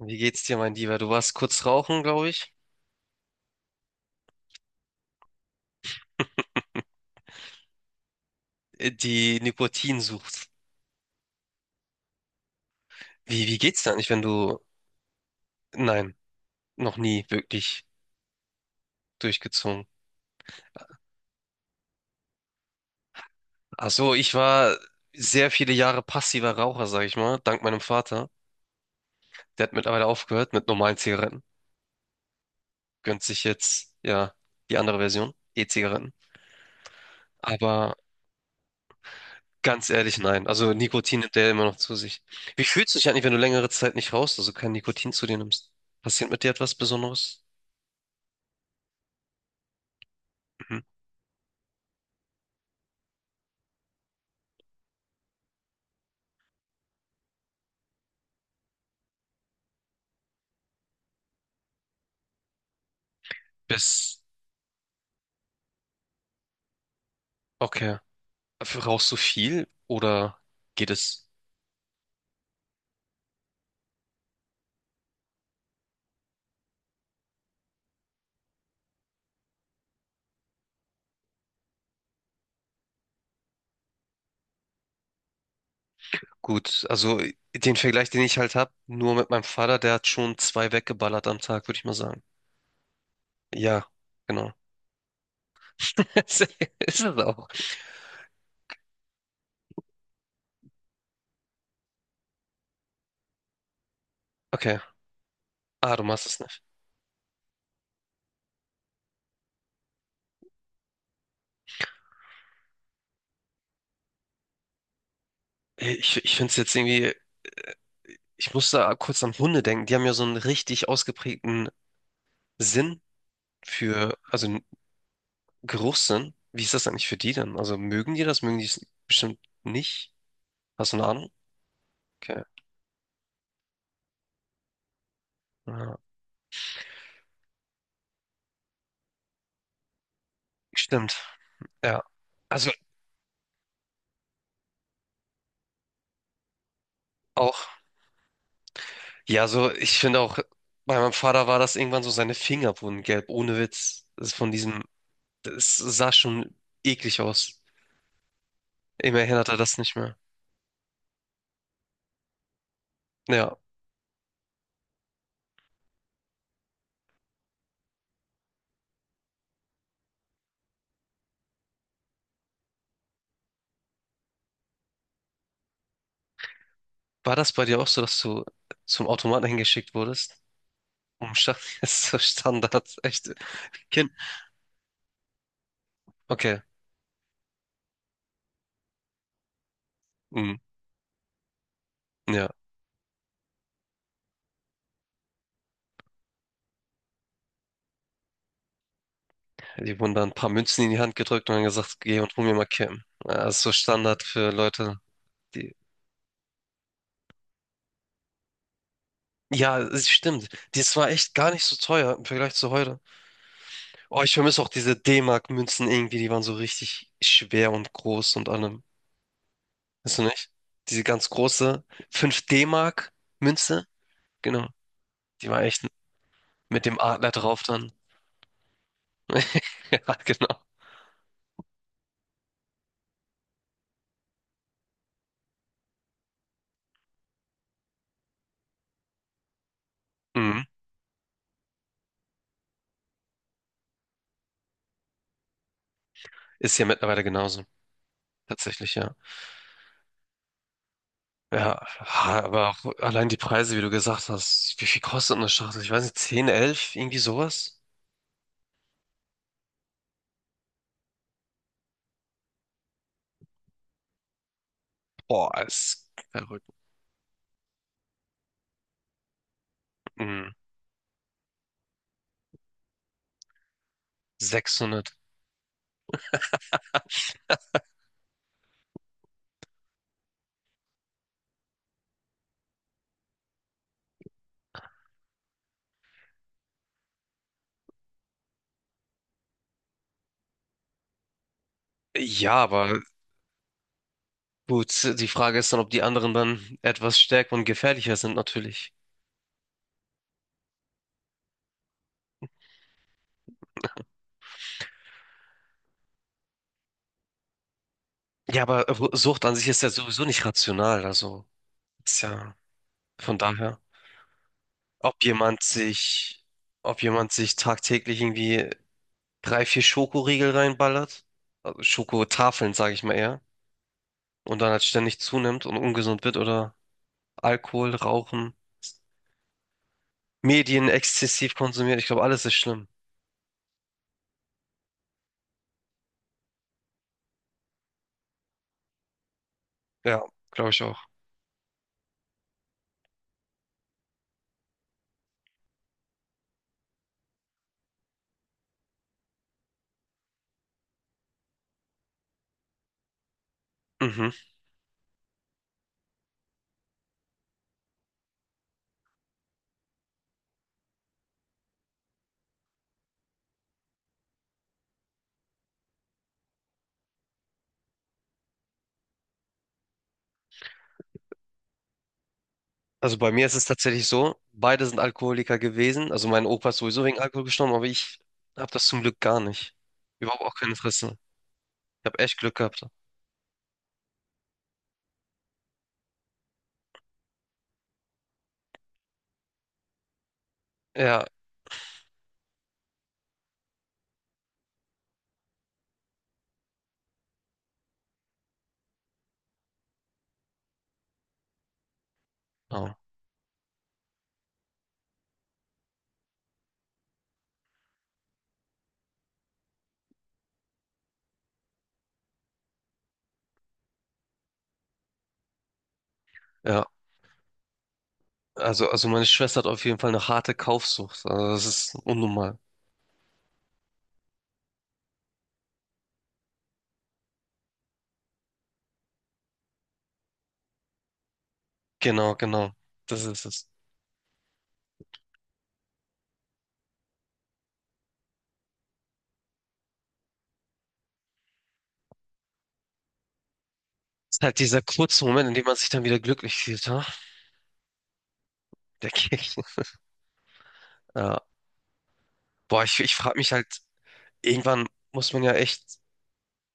Wie geht's dir, mein Lieber? Du warst kurz rauchen, glaube ich. Die Nikotinsucht. Wie geht's dir eigentlich, wenn du... Nein, noch nie wirklich durchgezogen. Ach so, ich war sehr viele Jahre passiver Raucher, sag ich mal, dank meinem Vater. Der hat mittlerweile aufgehört mit normalen Zigaretten. Gönnt sich jetzt, ja, die andere Version, E-Zigaretten. Aber ganz ehrlich, nein. Also Nikotin nimmt der immer noch zu sich. Wie fühlst du dich eigentlich, wenn du längere Zeit nicht rauchst, also kein Nikotin zu dir nimmst? Passiert mit dir etwas Besonderes? Mhm. Bis, okay. Rauchst du viel oder geht es gut? Also den Vergleich, den ich halt habe, nur mit meinem Vater, der hat schon zwei weggeballert am Tag, würde ich mal sagen. Ja, genau. Ist es auch. Okay. Ah, du machst es nicht. Ich finde es jetzt irgendwie, ich muss da kurz an Hunde denken. Die haben ja so einen richtig ausgeprägten Sinn für, also einen Geruchssinn. Wie ist das eigentlich für die dann? Also mögen die das? Mögen die es bestimmt nicht? Hast du eine Ahnung? Okay. Ja, stimmt. Ja. Also auch. Ja, so, ich finde auch, bei meinem Vater war das irgendwann so, seine Finger wurden gelb, ohne Witz. Das ist von diesem, das sah schon eklig aus. Immerhin hat er das nicht mehr. Ja, war das bei dir auch so, dass du zum Automaten hingeschickt wurdest? Um Sta- Das ist so Standard, echt. Kind. Okay, hm, ja. Die wurden dann ein paar Münzen in die Hand gedrückt und dann gesagt, geh und hol mir mal Kippen. Ja, das ist so Standard für Leute, die. Ja, es stimmt. Das war echt gar nicht so teuer im Vergleich zu heute. Oh, ich vermisse auch diese D-Mark-Münzen irgendwie, die waren so richtig schwer und groß und allem. Weißt du nicht? Diese ganz große 5 D-Mark-Münze, genau. Die war echt mit dem Adler drauf dann. Ja, genau. Mhm. Ist ja mittlerweile genauso. Tatsächlich, ja. Ja, aber auch allein die Preise, wie du gesagt hast, wie viel kostet eine Schachtel? Ich weiß nicht, 10, 11, irgendwie sowas? Boah, ist verrückt. Mhm. 600. Ja, aber gut, die Frage ist dann, ob die anderen dann etwas stärker und gefährlicher sind, natürlich. Ja, aber Sucht an sich ist ja sowieso nicht rational, also ist ja von daher, ob jemand sich, ob jemand sich tagtäglich irgendwie drei, vier Schokoriegel reinballert, also Schokotafeln, sage ich mal eher, und dann halt ständig zunimmt und ungesund wird oder Alkohol, Rauchen, Medien exzessiv konsumiert, ich glaube, alles ist schlimm. Ja, glaube ich auch. Mhm. Also bei mir ist es tatsächlich so, beide sind Alkoholiker gewesen. Also mein Opa ist sowieso wegen Alkohol gestorben, aber ich habe das zum Glück gar nicht. Überhaupt auch kein Interesse. Ich habe echt Glück gehabt. Ja, ja, ja. Also meine Schwester hat auf jeden Fall eine harte Kaufsucht. Also das ist unnormal. Genau, genau. Das ist es. Es ist halt dieser kurze Moment, in dem man sich dann wieder glücklich fühlt, ha? Der Kick. Ja. Boah, ich frage mich halt, irgendwann muss man ja echt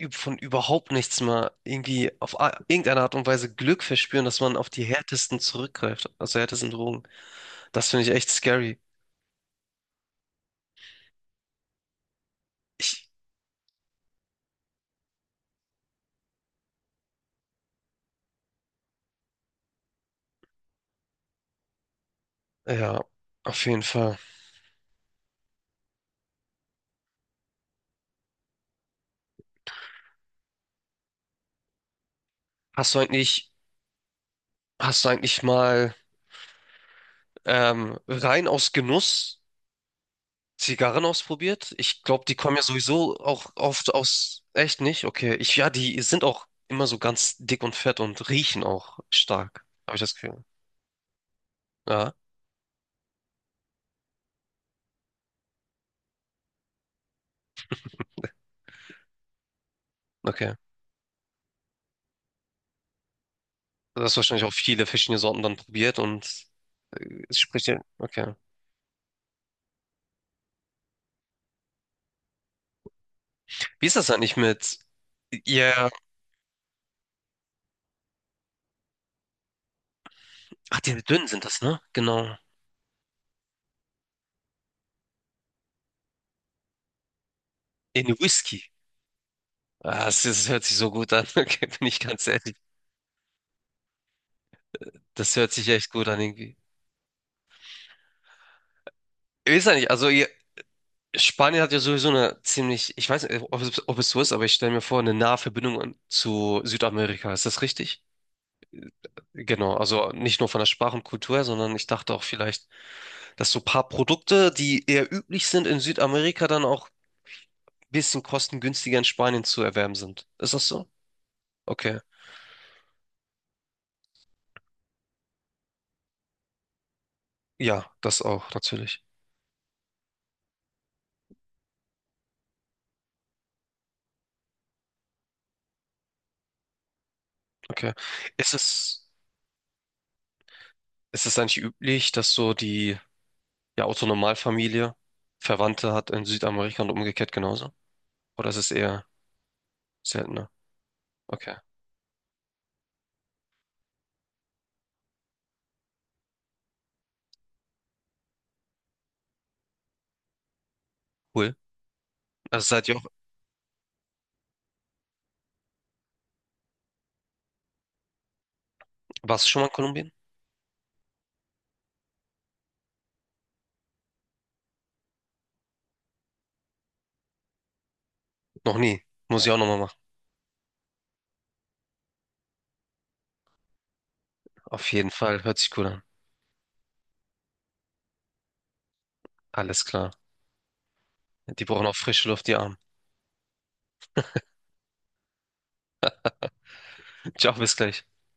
von überhaupt nichts mehr irgendwie auf irgendeine Art und Weise Glück verspüren, dass man auf die härtesten zurückgreift, also härtesten Drogen. Das finde ich echt scary. Ich, ja, auf jeden Fall. Hast du eigentlich, hast du eigentlich mal rein aus Genuss Zigarren ausprobiert? Ich glaube, die kommen ja sowieso auch oft aus, echt nicht? Okay, ja, die sind auch immer so ganz dick und fett und riechen auch stark, habe ich das Gefühl. Ja, okay. Du hast wahrscheinlich auch viele verschiedene Sorten dann probiert und. Spricht ihr, okay. Wie ist das eigentlich mit ihr? Ach, die dünnen sind das, ne? Genau. In Whisky. Ah, das hört sich so gut an, okay, bin ich ganz ehrlich. Das hört sich echt gut an irgendwie. Ich weiß ja nicht, also ihr, Spanien hat ja sowieso eine ziemlich, ich weiß nicht, ob es so ist, aber ich stelle mir vor, eine nahe Verbindung zu Südamerika. Ist das richtig? Genau, also nicht nur von der Sprache und Kultur her, sondern ich dachte auch vielleicht, dass so ein paar Produkte, die eher üblich sind in Südamerika, dann auch ein bisschen kostengünstiger in Spanien zu erwerben sind. Ist das so? Okay. Ja, das auch, natürlich. Okay. Ist es, ist es eigentlich üblich, dass so die, ja, Otto-Normalfamilie Verwandte hat in Südamerika und umgekehrt genauso? Oder ist es eher seltener? Okay. Cool. Also seid ihr auch, warst du schon mal in Kolumbien? Noch nie. Muss ich auch nochmal machen. Auf jeden Fall. Hört sich cool an. Alles klar. Die brauchen auch frische Luft, die Armen. Ciao, bis gleich.